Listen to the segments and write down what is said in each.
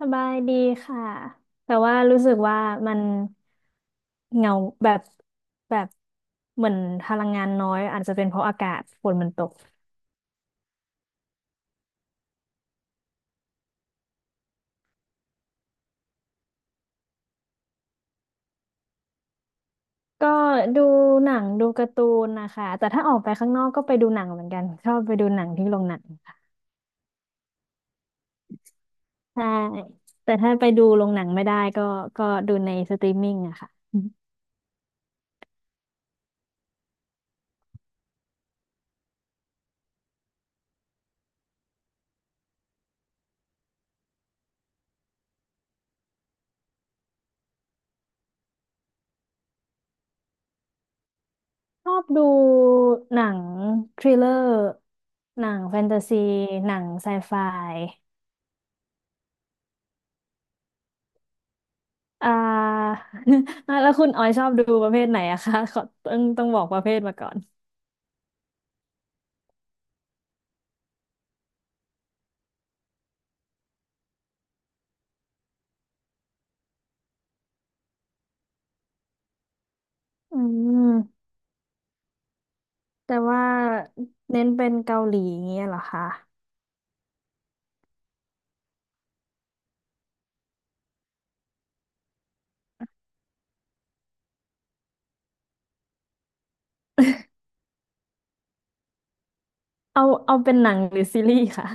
สบายดีค่ะ แต่ว่ารู้สึกว่ามันเหงาแบบแบบเหมือนพลังงานน้อยอาจจะเป็นเพราะอากาศฝนมันตก ก็ดูหนังดูการ์ตูนนะคะ แต่ถ้าออกไปข้างนอกก็ไปดูหนังเหมือนกันชอบไปดูหนังที่โรงหนังค่ะใช่แต่ถ้าไปดูโรงหนังไม่ได้ก็ก็ดูในสตรีมมิ่งอะค่ะชอบดูหนังทริลเลอร์หนังแฟนตาซีหนังไซไฟ อ่า แล้วคุณออยชอบดูประเภทไหนอะคะขอต้องบอกประเภทมาก่อนอืมแต่ว่าเน้นเป็นเกาหลีอย่างเงี้ยเหรอคะเอาเอาเป็นหนังหรือซีรีส์ค่ะ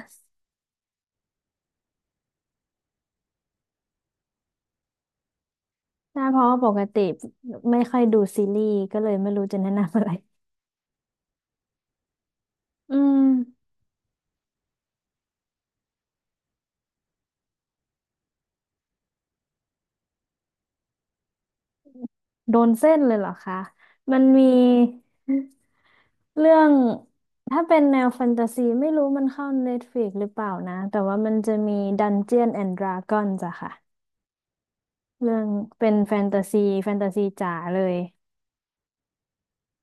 ใช่เพราะว่าปกติไม่ค่อยดูซีรีส์ก็เลยไม่รู้จะแนะนำอะไรอืมโดนเส้นเลยเหรอคะมันมีเรื่องถ้าเป็นแนวแฟนตาซีไม่รู้มันเข้า Netflix หรือเปล่านะแต่ว่ามันจะมี Dungeon and Dragons อะค่ะ เรื่องเป็นแฟนตาซีแฟนตาซีจ๋าเลย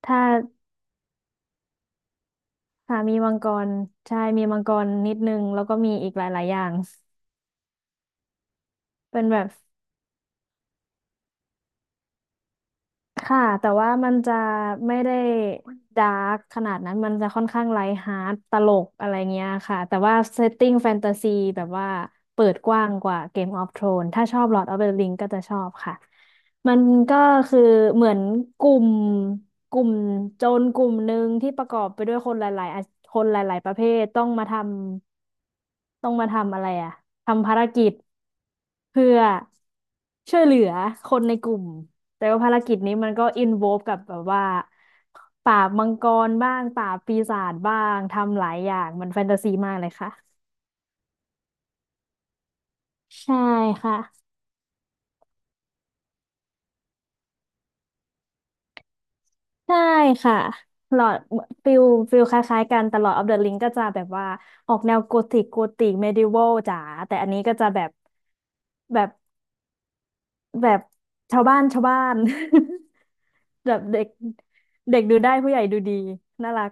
ถ้าค่ะมีมังกรใช่มีมังกรนิดนึงแล้วก็มีอีกหลาย ๆ อย่างเป็นแบบ ค่ะแต่ว่ามันจะไม่ได้ดาร์กขนาดนั้นมันจะค่อนข้างไลท์ฮาร์ดตลกอะไรเงี้ยค่ะแต่ว่าเซตติ้งแฟนตาซีแบบว่าเปิดกว้างกว่า Game of Thrones ถ้าชอบ Lord of the Ring ก็จะชอบค่ะมันก็คือเหมือนกลุ่มกลุ่มโจรกลุ่มหนึ่งที่ประกอบไปด้วยคนหลายๆคนหลายๆประเภทต้องมาทำอะไรอะทำภารกิจเพื่อช่วยเหลือคนในกลุ่ม แต่ว่าภารกิจนี้มันก็อินโวลกับแบบว่าปราบมังกรบ้างปราบปีศาจบ้างทำหลายอย่างมันแฟนตาซีมากเลยค่ะใช่ค่ะใช่ค่ะหลอดฟิลฟิลคล้ายๆกันแต่หลอดออฟเดอะลิงก็จะแบบว่าออกแนวโกธิกโกธิกเมดิวัลจ๋าแต่อันนี้ก็จะแบบแบบชาวบ้านชาวบ้าน แบบเด็กเด็กดูได้ผู้ใหญ่ดูดีน่ารัก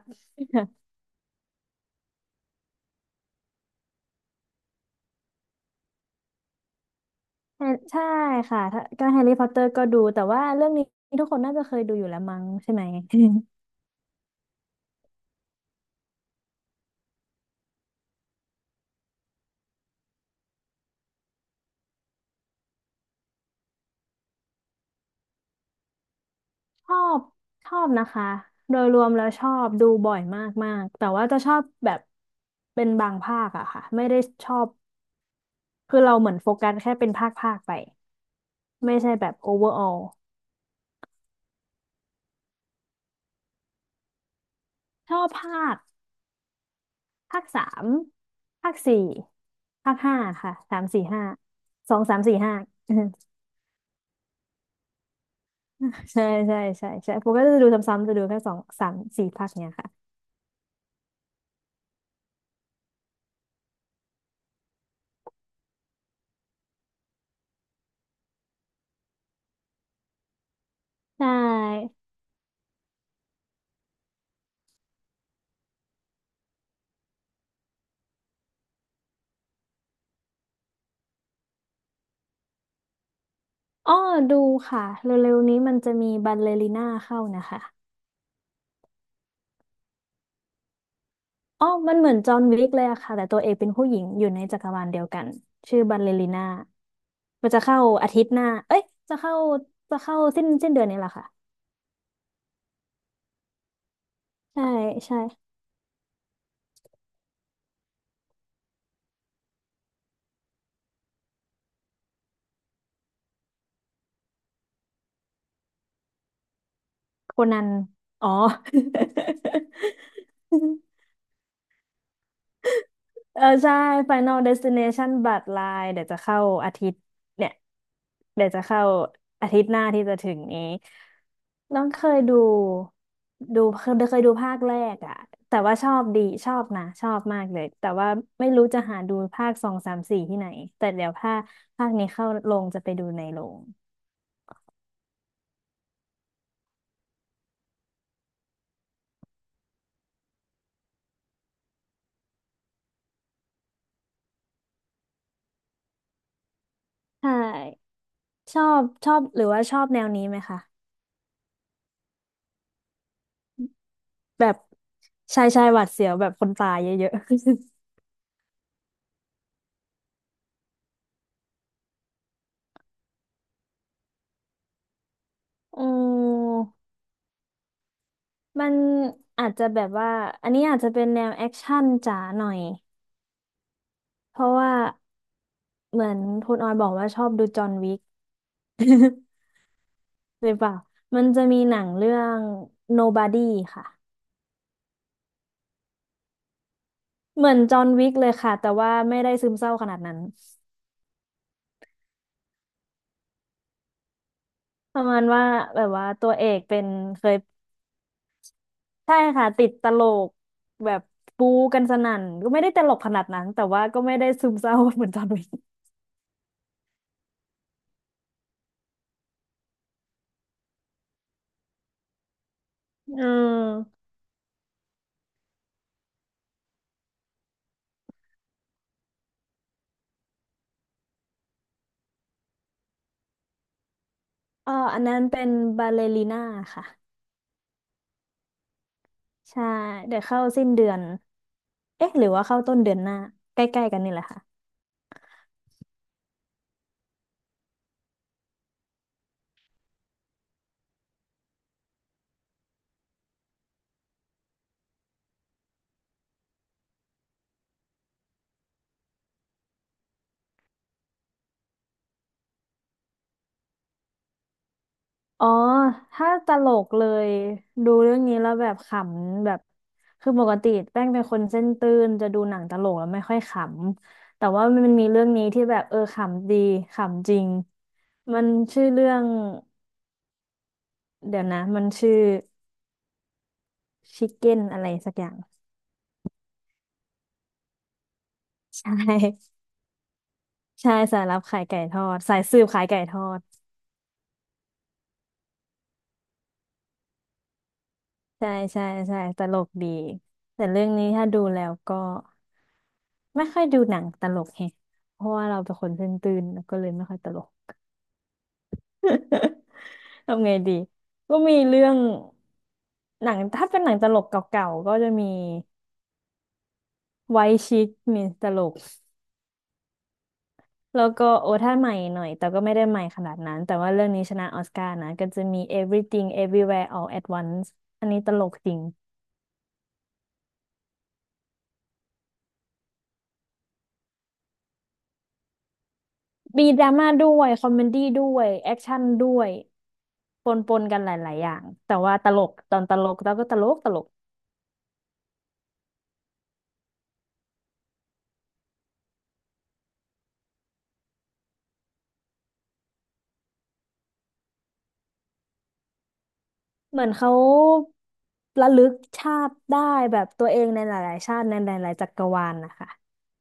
แฮร์ใช่ค่ะถ้าก็แฮร์รี่พอตเตอร์ก็ดูแต่ว่าเรื่องนี้ทุกคนน่าจะเคยดูอยู่แล้วมั้งใช่ไหม ชอบชอบนะคะโดยรวมแล้วชอบดูบ่อยมากมากแต่ว่าจะชอบแบบเป็นบางภาคอะค่ะไม่ได้ชอบคือเราเหมือนโฟกัสแค่เป็นภาคภาคไปไม่ใช่แบบโอเวอร์ออลชอบภาคสามภาคสี่ภาคห้าค่ะสามสี่ห้าสองสามสี่ห้า ใช่ใช่ใช่ใช่ผมก็จะดูซ้ำๆจะดูแค่สองสามสี่ภาคเนี้ยค่ะ ได้ อ้อดูค่ะเร็วๆนี้มันจะมีบัลเลริน่าเข้านะคะ อ้อมันเหมือนจอห์นวิกเลยอะค่ะแต่ตัวเอกเป็นผู้หญิงอยู่ในจักรวาลเดียวกันชื่อบัลเลริน่ามันจะเข้าอาทิตย์หน้า เอ้ยจะเข้าจะเข้าสิ้นเดือนนี้แหละค่ะใช่ใช่โคนันอ๋อ เออใช่ Final Destination บัตรลายเดี๋ยวจะเข้าอาทิตย์เนี่ยเดี๋ยวจะเข้าอาทิตย์หน้าที่จะถึงนี้น้องเคยดูดูเคยเคยดูภาคแรกอะแต่ว่าชอบดีชอบนะชอบมากเลยแต่ว่าไม่รู้จะหาดูภาคสองสามสี่ที่ไหนแต่เดี๋ยวภาคนี้เข้าโรงจะไปดูในโรงใช่ชอบชอบหรือว่าชอบแนวนี้ไหมคะแบบชายชายหวาดเสียวแบบคนตายเยอะๆ ม มันอาจจะแบบว่าอันนี้อาจจะเป็นแนวแอคชั่นจ๋าหน่อยเพราะว่าเหมือนคุณออยบอกว่าชอบดูจอห์นวิก หรือเปล่ามันจะมีหนังเรื่อง Nobody ค่ะเหมือนจอห์นวิกเลยค่ะแต่ว่าไม่ได้ซึมเศร้าขนาดนั้นประมาณว่าแบบว่าตัวเอกเป็นเคยใช่ค่ะติดตลกแบบปูกันสนั่นก็ไม่ได้ตลกขนาดนั้นแต่ว่าก็ไม่ได้ซึมเศร้าเหมือนจอห์นวิกอืมเอออันนั้นเป็นบาเลริน่าค่ะ ใช่เดี๋ยวเข้าสิ้นเดือนเอ๊ะหรือว่าเข้าต้นเดือนหน้าใกล้ๆกันนี่แหละค่ะอ๋อถ้าตลกเลยดูเรื่องนี้แล้วแบบขำแบบคือปกติแป้งเป็นคนเส้นตื้นจะดูหนังตลกแล้วไม่ค่อยขำแต่ว่ามันมีเรื่องนี้ที่แบบเออขำดีขำจริงมันชื่อเรื่องเดี๋ยวนะมันชื่อชิคเก้นอะไรสักอย่างใช่ใช่สายลับขายไก่ทอดสายสืบขายไก่ทอด ใช่ใช่ใช่ตลกดีแต่เรื่องนี้ถ้าดูแล้วก็ไม่ค่อยดูหนังตลกแฮะเพราะว่าเราเป็นคนตื่นๆแล้วก็เลยไม่ค่อยตลก ทำไงดีก็มีเรื่องหนังถ้าเป็นหนังตลกเก่าๆก็จะมีไวท์ชิคมีตลกแล้วก็โอ้ถ้าใหม่หน่อยแต่ก็ไม่ได้ใหม่ขนาดนั้นแต่ว่าเรื่องนี้ชนะออสการ์นะก็จะมี Everything Everywhere All at Once อันนี้ตลกจริง มีดราม่าด้วยคอมเมดี้ด้วยแอคชั่นด้วยปนปนกันหลายๆอย่างแต่ว่าตลกตอนตลกเราก็ตลกตลกเหมือนเขาระลึกชาติได้แบบตัวเองในหลายๆชาติในหลายๆจักรวาลนะคะ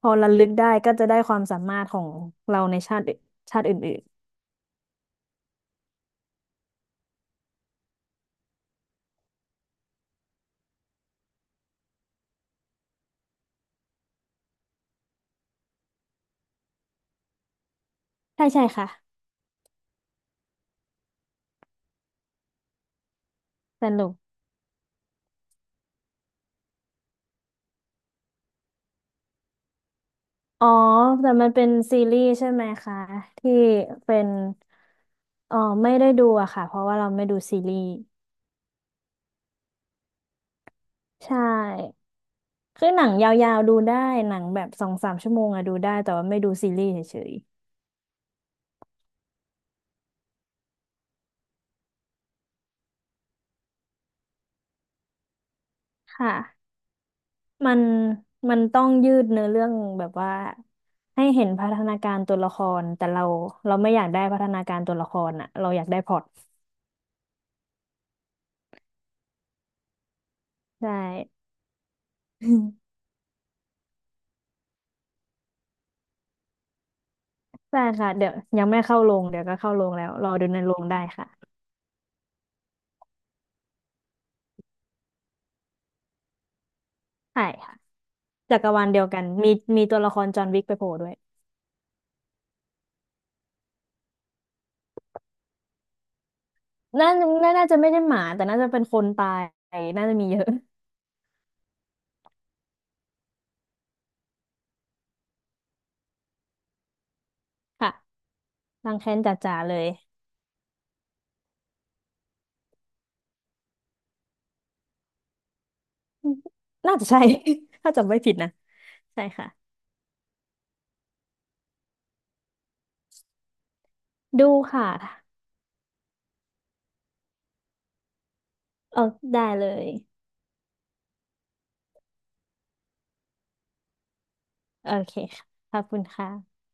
พอระลึกได้ก็จะได้ความสามารถของเราในชาติอื่นชาติอื่นๆใช่ใช่ค่ะสนุกอ๋อแต่มันเป็นซีรีส์ใช่ไหมคะที่เป็นอ๋อไม่ได้ดูอะค่ะเพราะว่าเราไม่ดูซีรีส์ใช่ คือหนังยาวๆดูได้หนังแบบสองสามชั่วโมงอะดูได้แต่ว่าไม่ดูซีรีส์เฉยๆค่ะมันมันต้องยืดเนื้อเรื่องแบบว่าให้เห็นพัฒนาการตัวละครแต่เราไม่อยากได้พัฒนาการตัวละครอะเราอยากได้พล็อตใช่ ใช่ค่ะเดี๋ยวยังไม่เข้าโรงเดี๋ยวก็เข้าโรงแล้วรอดูในโรงได้ค่ะใช่ค่ะจักรวาลเดียวกันมีมีตัวละครจอห์นวิกไปโผล่ด้วยน่าน่าจะไม่ใช่หมาแต่น่าจะเป็นคนตายน่าจะมีเยอะค่ะ รังแค้นจ๋าๆเลย น่าจะใช่ ถ้าจำไม่ผิดนะใช่ค่ะดูค่ะเออได้เลยโอเคค่ะขอบคุณค่ะ